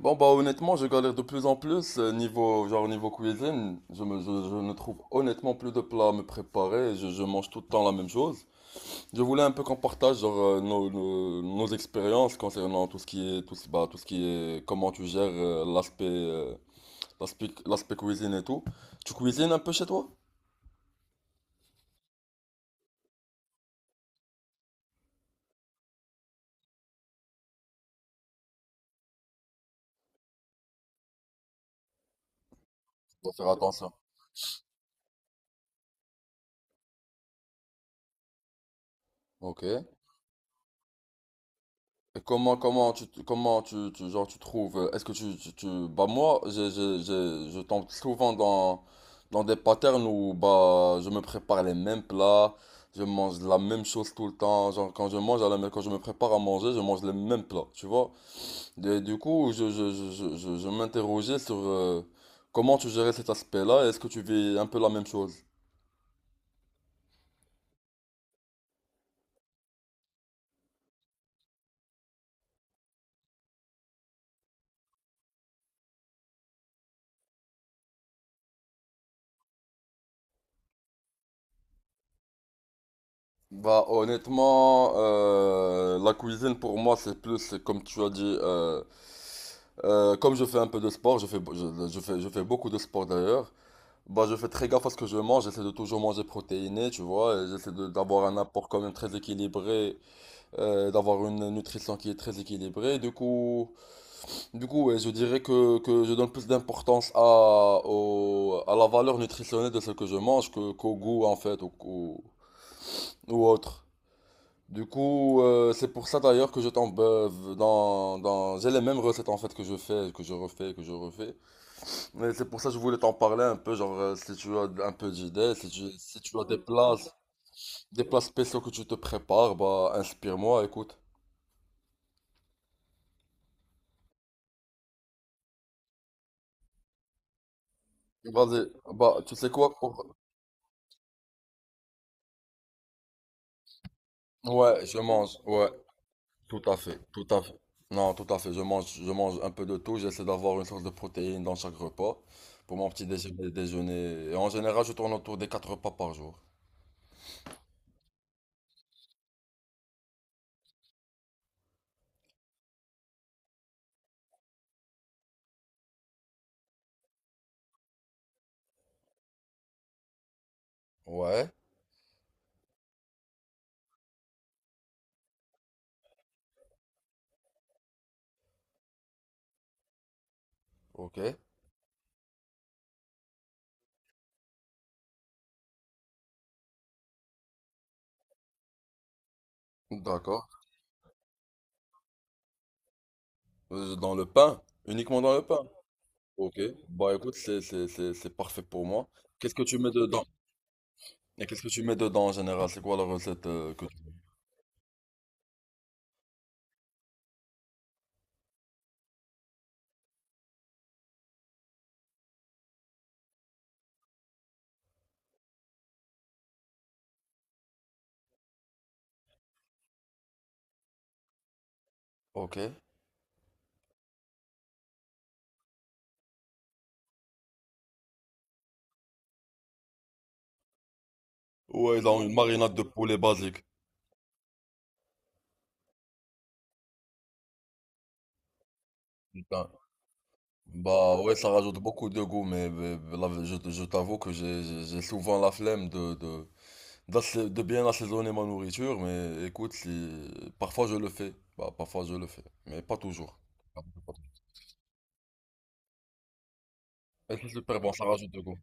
Bon bah honnêtement je galère de plus en plus niveau genre niveau cuisine je ne trouve honnêtement plus de plats à me préparer je mange tout le temps la même chose. Je voulais un peu qu'on partage genre nos expériences concernant tout ce qui est tout ce, bah, tout ce qui est comment tu gères l'aspect cuisine et tout. Tu cuisines un peu chez toi? Faut faire attention. Ok. Comment tu genre, tu trouves, est-ce que tu- bah, moi, je tombe souvent dans des patterns où, bah, je me prépare les mêmes plats, je mange la même chose tout le temps, genre, quand je mange quand je me prépare à manger, je mange les mêmes plats, tu vois. Et du coup, je m'interrogeais sur, comment tu gérais cet aspect-là, et est-ce que tu vis un peu la même chose? Bah honnêtement, la cuisine pour moi c'est plus comme tu as dit, comme je fais un peu de sport, je fais beaucoup de sport d'ailleurs, bah je fais très gaffe à ce que je mange, j'essaie de toujours manger protéiné, tu vois, et j'essaie d'avoir un apport quand même très équilibré, d'avoir une nutrition qui est très équilibrée, du coup, du coup, ouais, je dirais que je donne plus d'importance à la valeur nutritionnelle de ce que je mange qu'au goût en fait, ou, ou autre. Du coup, c'est pour ça d'ailleurs que je tombe j'ai les mêmes recettes en fait que je fais, que je refais, que je refais. Mais c'est pour ça que je voulais t'en parler un peu, genre si tu as un peu d'idées, si tu as des plats, spéciaux que tu te prépares, bah inspire-moi, écoute. Vas-y, bah tu sais quoi? Ouais, je mange, ouais, tout à fait, tout à fait. Non, tout à fait, je mange un peu de tout, j'essaie d'avoir une source de protéines dans chaque repas. Pour mon petit déjeuner. Et en général, je tourne autour des 4 repas par jour. Ouais. Ok, d'accord. Dans le pain, uniquement dans le pain. Ok, bah écoute, c'est parfait pour moi. Qu'est-ce que tu mets dedans? Et qu'est-ce que tu mets dedans en général? C'est quoi la recette que tu... Ok. Ouais, dans une marinade de poulet basique. Putain. Bah ouais, ça rajoute beaucoup de goût, mais là, je t'avoue que j'ai souvent la flemme de bien assaisonner ma nourriture, mais écoute, si... parfois je le fais. Bah parfois je le fais, mais pas toujours. Pas toujours, pas toujours. Et c'est super bon, ça rajoute de goût.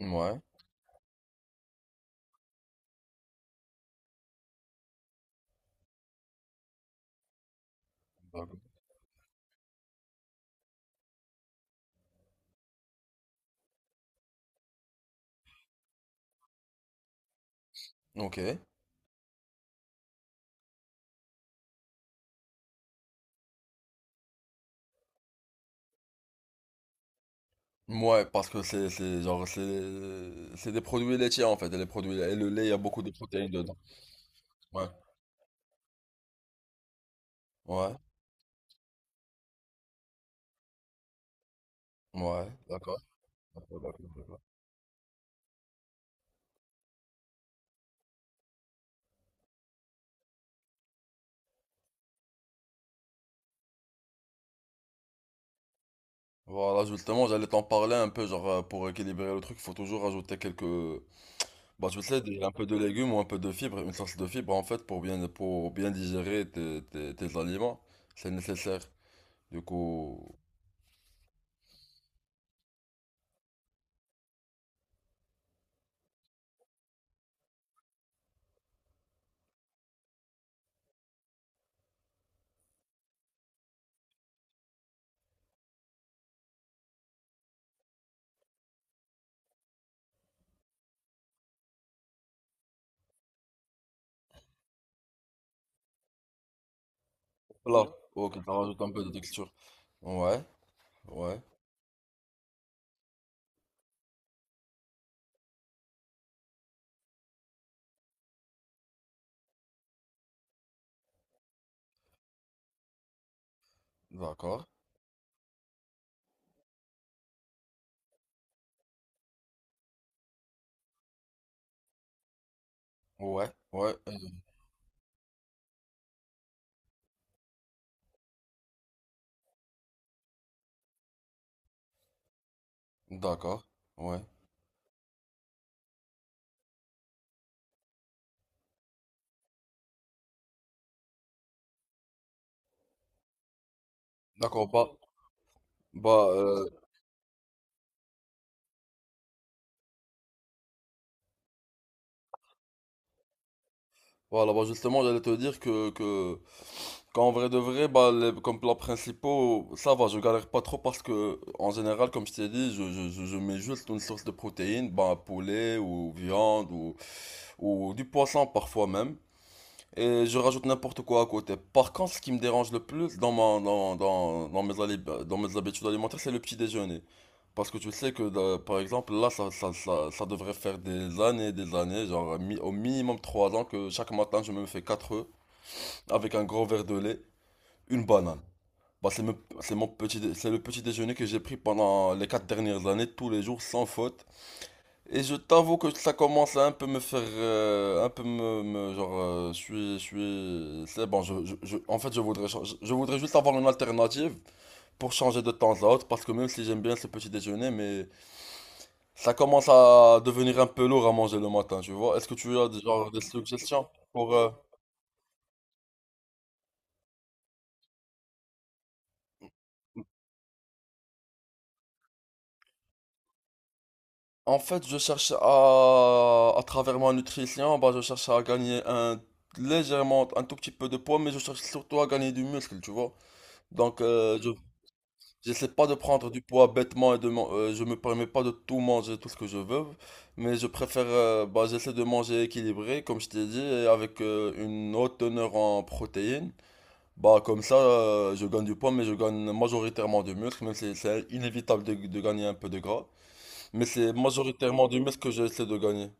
Ouais. Ok. Ouais, parce que c'est genre c'est des produits laitiers en fait, et les produits et le lait, il y a beaucoup de protéines dedans. Ouais. Ouais. Ouais, d'accord. D'accord, d'accord, d'accord. Voilà, justement, j'allais t'en parler un peu, genre pour équilibrer le truc, il faut toujours ajouter quelques, bah tu sais, un peu de légumes ou un peu de fibres, une source de fibres en fait pour bien digérer tes, tes aliments, c'est nécessaire. Du coup, là, ok, ça rajoute un peu de texture. Ouais, ouais, d'accord. Ouais, ouais, d'accord. Ouais. D'accord, bah, voilà, bah justement, j'allais te dire que, qu'en vrai de vrai, bah, comme plats principaux, ça va, je galère pas trop parce que, en général, comme je t'ai dit, je mets juste une source de protéines, bah, poulet ou viande ou du poisson parfois même. Et je rajoute n'importe quoi à côté. Par contre, ce qui me dérange le plus dans, ma- dans, dans, dans mes, ali- dans mes habitudes alimentaires, c'est le petit déjeuner. Parce que tu sais que, par exemple, là, ça devrait faire des années, genre au minimum 3 ans, que chaque matin, je me fais 4 œufs avec un gros verre de lait, une banane. Bah, c'est me- c'est mon petit, dé- c'est le petit déjeuner que j'ai pris pendant les 4 dernières années, tous les jours, sans faute. Et je t'avoue que ça commence à un peu me faire, un peu genre, c'est bon, en fait, je voudrais juste avoir une alternative pour changer de temps à autre, parce que même si j'aime bien ce petit déjeuner, mais ça commence à devenir un peu lourd à manger le matin, tu vois. Est-ce que tu as genre des suggestions pour, en fait, je cherche à, travers ma nutrition, bah, je cherche à gagner un légèrement, un tout petit peu de poids, mais je cherche surtout à gagner du muscle, tu vois. Donc, je j'essaie pas de prendre du poids bêtement et de je me permets pas de tout manger, tout ce que je veux, mais je préfère, bah, j'essaie de manger équilibré, comme je t'ai dit, et avec une haute teneur en protéines. Bah, comme ça, je gagne du poids, mais je gagne majoritairement du muscle, même si c'est inévitable de, gagner un peu de gras. Mais c'est majoritairement du muscle que j'essaie de gagner.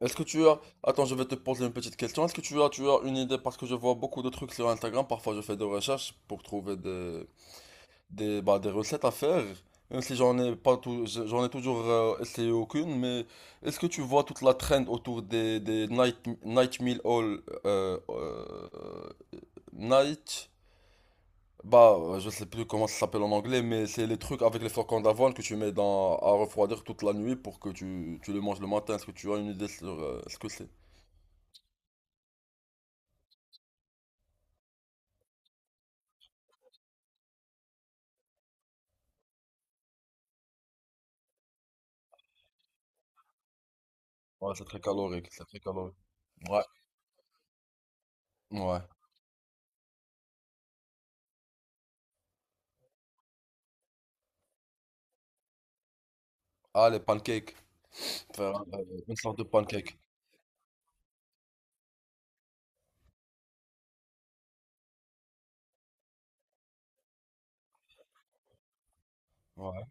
Est-ce que tu as... Attends, je vais te poser une petite question. Est-ce que tu as une idée, parce que je vois beaucoup de trucs sur Instagram, parfois je fais des recherches pour trouver des, bah, des recettes à faire, même si j'en ai pas j'en ai toujours essayé aucune, mais est-ce que tu vois toute la trend autour des, night, night meal all euh, euh, night, bah je sais plus comment ça s'appelle en anglais, mais c'est les trucs avec les flocons d'avoine que tu mets dans à refroidir toute la nuit pour que tu le manges le matin. Est-ce que tu as une idée sur ce que c'est? Ouais, c'est très calorique, c'est très calorique. Ouais, ouais. Ah, les pancakes. Faire une sorte de pancake. Ouais.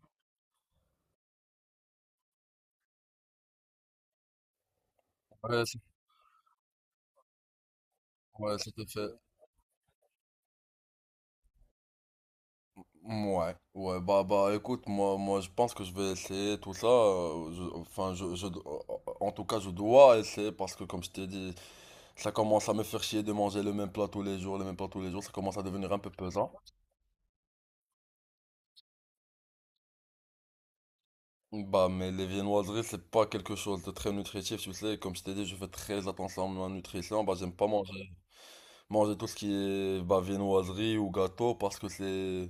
Ouais, ouais, c'était fait. Ouais, ouais, bah, bah, écoute, moi, moi, je pense que je vais essayer tout ça. Enfin, en tout cas, je dois essayer parce que, comme je t'ai dit, ça commence à me faire chier de manger le même plat tous les jours, le même plat tous les jours. Ça commence à devenir un peu pesant. Bah, mais les viennoiseries, c'est pas quelque chose de très nutritif, tu sais. Comme je t'ai dit, je fais très attention à ma nutrition. Bah, j'aime pas manger, manger tout ce qui est, bah, viennoiserie ou gâteau parce que c'est,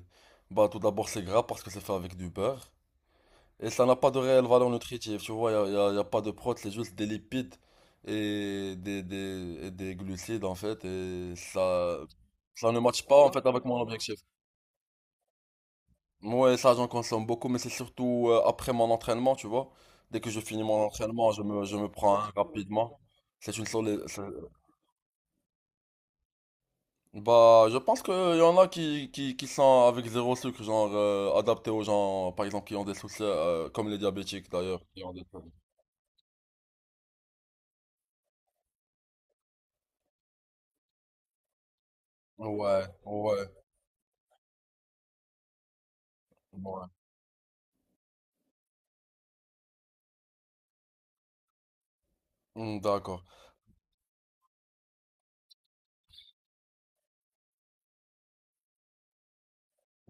bah, tout d'abord, c'est gras parce que c'est fait avec du beurre. Et ça n'a pas de réelle valeur nutritive, tu vois, il n'y a, y a- y a pas de protéines, c'est juste des lipides et des glucides en fait, et ça ne matche pas en fait avec mon objectif. Moi, ça j'en consomme beaucoup, mais c'est surtout après mon entraînement, tu vois. Dès que je finis mon entraînement, je me prends un rapidement. C'est une solé... Bah, je pense qu'il y en a qui sont avec zéro sucre, genre adaptés aux gens, par exemple, qui ont des soucis, comme les diabétiques d'ailleurs, qui ont des... problèmes. Ouais, ouais, ouais. Hmm, d'accord.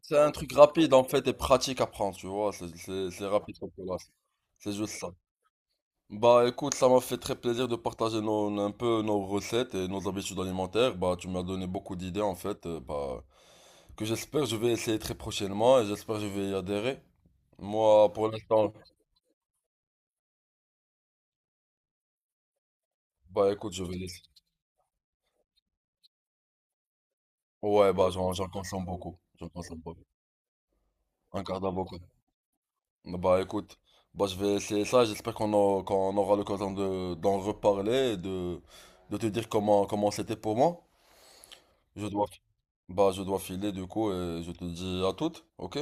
C'est un truc rapide en fait et pratique à prendre, tu vois. C'est rapide comme classe. C'est juste ça. Bah écoute, ça m'a fait très plaisir de partager un peu nos recettes et nos habitudes alimentaires. Bah tu m'as donné beaucoup d'idées en fait. Bah que j'espère je vais essayer très prochainement et j'espère je vais y adhérer. Moi pour l'instant, bah écoute, je vais laisser. Ouais, bah j'en consomme beaucoup. J'en consomme beaucoup. Un quart d'avocat. Bah écoute, bah je vais essayer ça, j'espère qu'on aura l'occasion de d'en reparler, et de, te dire comment c'était pour moi. Je dois bah je dois filer du coup et je te dis à toutes, ok?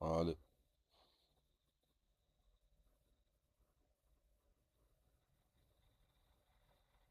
Allez.